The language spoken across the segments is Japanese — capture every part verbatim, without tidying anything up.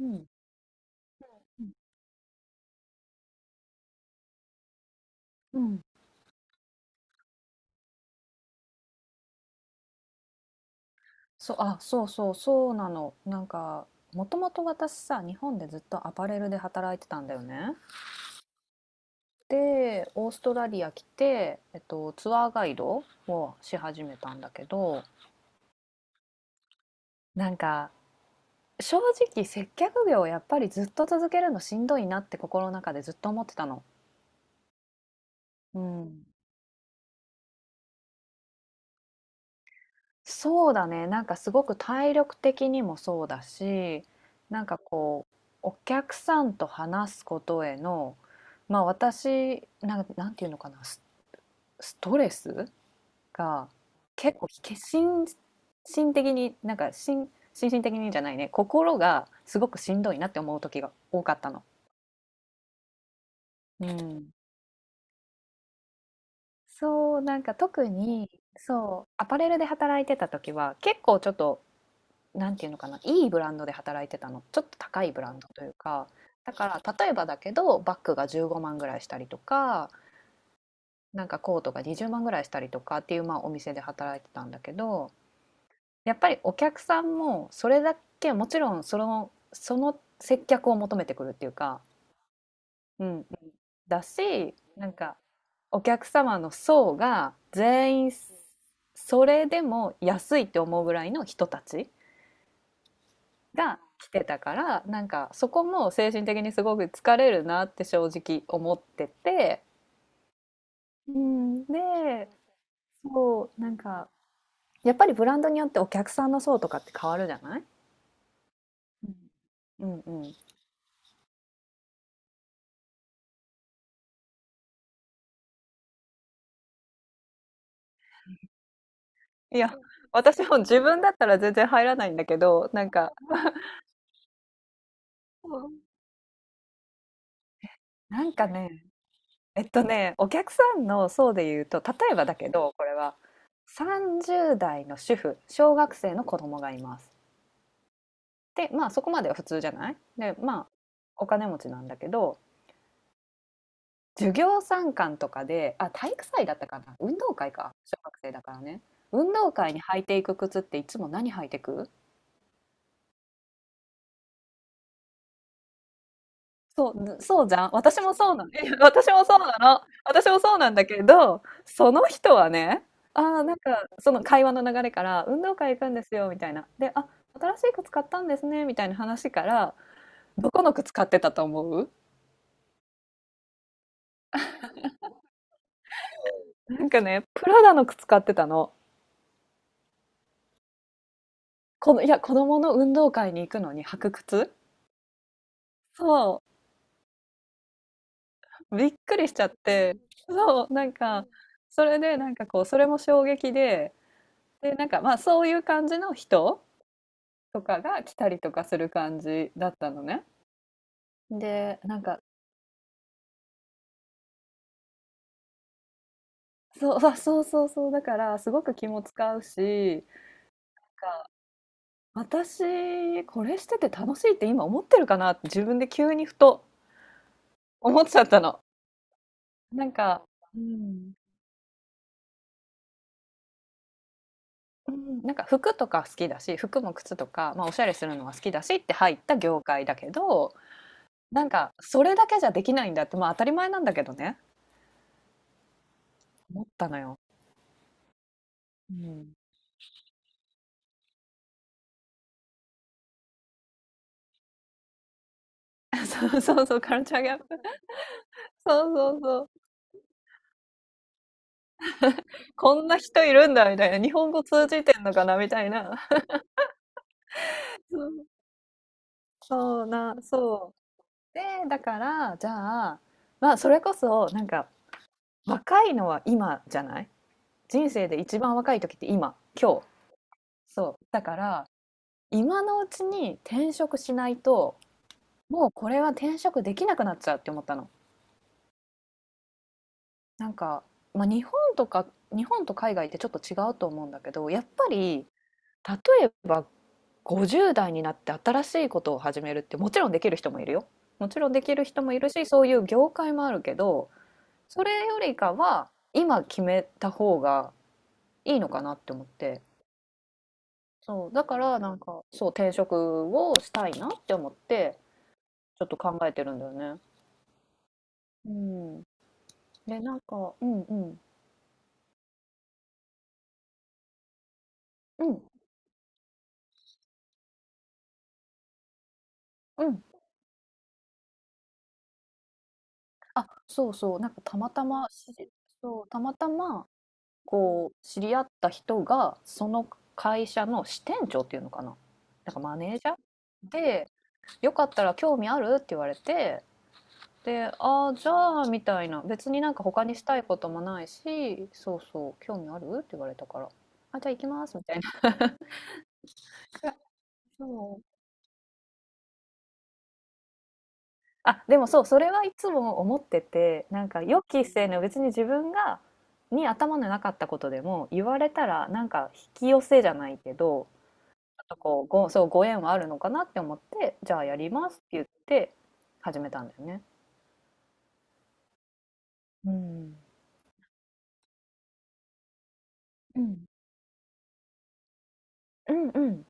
うん、うん、うんそう、あ、そうそう、そうなの。なんか、もともと私さ、日本でずっとアパレルで働いてたんだよね。で、オーストラリア来て、えっと、ツアーガイドをし始めたんだけど、なんか、正直接客業をやっぱりずっと続けるのしんどいなって心の中でずっと思ってたの。うん。そうだね、なんかすごく体力的にもそうだし、なんかこう、お客さんと話すことへの、まあ私、なんか、なんていうのかな、ス、ストレスが結構、け心身的に、なんか心、心身的にじゃないね、心がすごくしんどいなって思う時が多かったの。うん、そうなんか特にそうアパレルで働いてた時は結構ちょっとなんていうのかな、いいブランドで働いてたの。ちょっと高いブランドというか、だから例えばだけど、バッグがじゅうごまんぐらいしたりとか、なんかコートがにじゅうまんぐらいしたりとかっていう、まあ、お店で働いてたんだけど、やっぱりお客さんもそれだけ、もちろんその、その接客を求めてくるっていうか、うんうん、だし、なんかお客様の層が全員それでも安いって思うぐらいの人たちが来てたから、なんかそこも精神的にすごく疲れるなって正直思ってて、うん。で、そうなんかやっぱりブランドによってお客さんの層とかって変わるじゃない。うんうん、いや、私も自分だったら全然入らないんだけど、なんか、なんかねえっとねお客さんの層で言うと、例えばだけど、これはさんじゅう代の主婦、小学生の子供がいます。で、まあそこまでは普通じゃない。で、まあお金持ちなんだけど、授業参観とかで、あ、体育祭だったかな、運動会か、小学生だからね、運動会に履いていく靴っていつも何履いてく？そうそうじゃん、私もそうなの。 私もそうなの、私もそうなんだけど、その人はね、あー、なんかその会話の流れから運動会行くんですよみたいな。で、あ、新しい靴買ったんですねみたいな話から、どこの靴買ってたと思う？なんかね、プラダの靴買ってたの。この、いや、子供の運動会に行くのに履く靴。そう、びっくりしちゃって、そう、なんか、それでなんかこう、それも衝撃で、で、なんかまあそういう感じの人とかが来たりとかする感じだったのね。で、なんか、そう、あ、そうそうそう、だからすごく気も使うし、なんか、私、これしてて楽しいって今思ってるかなって自分で急にふと思っちゃったの。なんか、うん。うん、なんか服とか好きだし、服も靴とか、まあ、おしゃれするのは好きだしって入った業界だけど、なんかそれだけじゃできないんだって、まあ、当たり前なんだけどね、思ったのよ。うん。そうそうそう、カルチャーギャップ。そうそうそう。こんな人いるんだみたいな、日本語通じてんのかなみたいな。そう、そうな、そう。で、だからじゃあ、まあ、それこそなんか若いのは今じゃない？人生で一番若い時って今、今日。そう、だから今のうちに転職しないと、もうこれは転職できなくなっちゃうって思ったの。なんか、まあ、日本とか、日本と海外ってちょっと違うと思うんだけど、やっぱり例えばごじゅう代になって新しいことを始めるって、もちろんできる人もいるよ。もちろんできる人もいるし、そういう業界もあるけど、それよりかは今決めた方がいいのかなって思って。そうだからなんかそう、転職をしたいなって思って、ちょっと考えてるんだよね。うん。で、なんかうんうん。うんうん。あ、そうそう、なんかたまたましそう、たまたま、こう、知り合った人が、その会社の支店長っていうのかな、なんかマネージャー？で、「よかったら興味ある？」って言われて、で、「ああ、じゃあ」みたいな、別になんか他にしたいこともないし、そうそう、「興味ある？」って言われたから、「あ、じゃあ行きます」みたいな。そう。あ、でもそう、それはいつも思ってて、なんか予期せぬ、別に自分が、に頭のなかったことでも、言われたら、なんか引き寄せじゃないけど、ちょっとこう、ご、そう、ご縁はあるのかなって思って、じゃあやりますって言って、始めたんだよね。うん。うん。うんうん。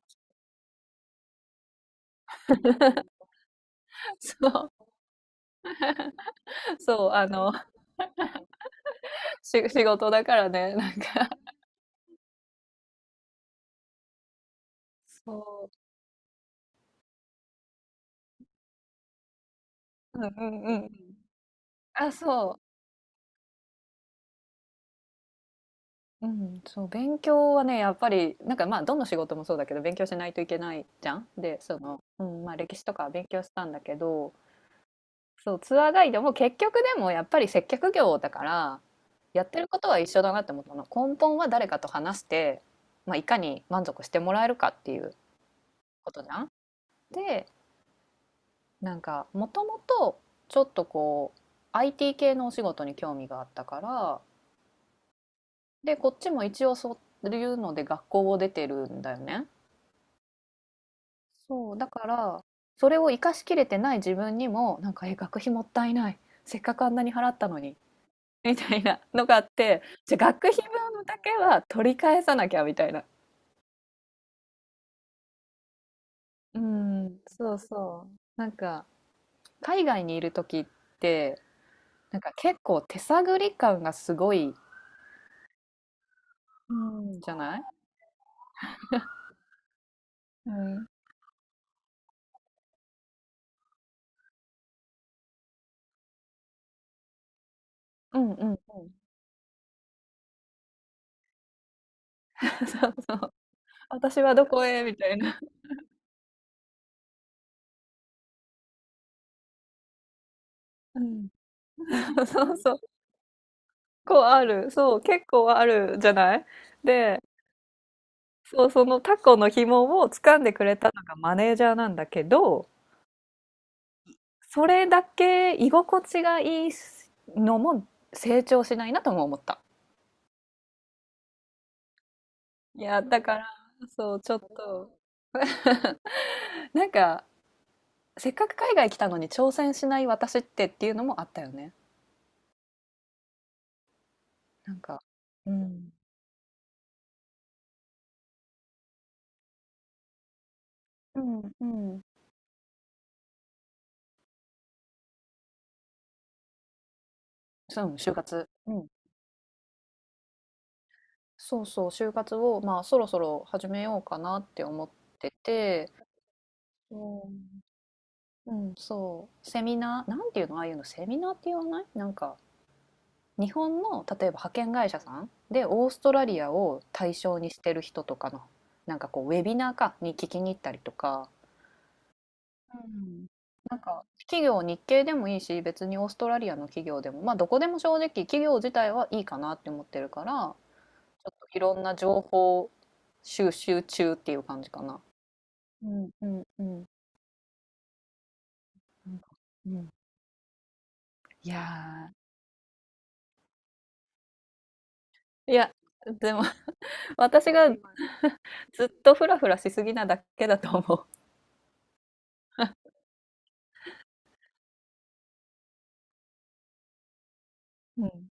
そう、そう、あの、し仕事だからね、なんか、そう、うんうんうんうん。あ、そう。うん、そう、勉強はね、やっぱり、なんかまあ、どの仕事もそうだけど、勉強しないといけないじゃん。で、その、うん、まあ、歴史とかは勉強したんだけど、そう、ツアーガイドも結局でもやっぱり接客業だから、やってることは一緒だなって思ったの。根本は誰かと話して、まあ、いかに満足してもらえるかっていうことじゃん。で、なんか、もともと、ちょっとこう、アイティー 系のお仕事に興味があったから、で、こっちも一応そういうので学校を出てるんだよね。そう、だから、それを生かしきれてない自分にも、なんか、え、学費もったいない。せっかくあんなに払ったのに。みたいなのがあって、じゃ、学費分だけは取り返さなきゃみたいな。うん、そうそう。なんか、海外にいる時って、なんか結構手探り感がすごい、うん。じゃない？うん。うんうんうん。そうそう。私はどこへみたいな。うん。そうそう。こうある。そう、結構あるじゃない？で、そう、そのタコの紐を掴んでくれたのがマネージャーなんだけど、それだけ居心地がいいのも成長しないなとも思った。いや、だから、そう、ちょっと、なんか、せっかく海外来たのに挑戦しない私ってっていうのもあったよね。なんか、うん、うん、うん、そう、就活。うん。そうそう、就活を、まあ、そろそろ始めようかなって思ってて、うんうん、そう、セミナー、なんていうの、ああいうの、セミナーって言わない、なんか、日本の、例えば派遣会社さんで、オーストラリアを対象にしてる人とかの、なんかこう、ウェビナーか、に聞きに行ったりとか、うん、なんか、企業、日系でもいいし、別にオーストラリアの企業でも、まあ、どこでも正直、企業自体はいいかなって思ってるから、ちょっといろんな情報収集中っていう感じかな。うんうんうん。なんかうんいやーいや、でも 私がずっとフラフラしすぎなだけだと思う。うん。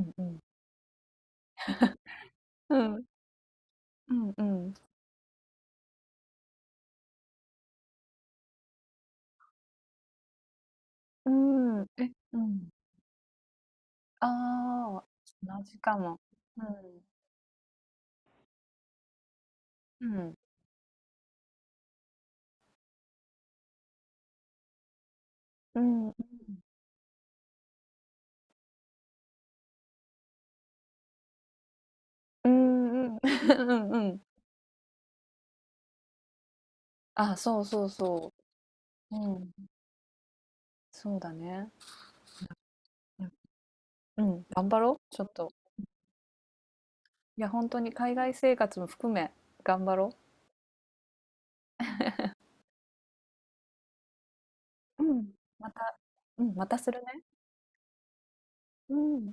うんうん。うんうん。うん。うーん。え、うん。ああ、同じかも。うん。うん。うん。うんうん ーえうんああ同じかもうんうん。あ、そうそうそう。うん。そうだね。うん。頑張ろう、ちょっと。いや、本当に海外生活も含め、頑張ろう。うん。また、うん、またするね。うん。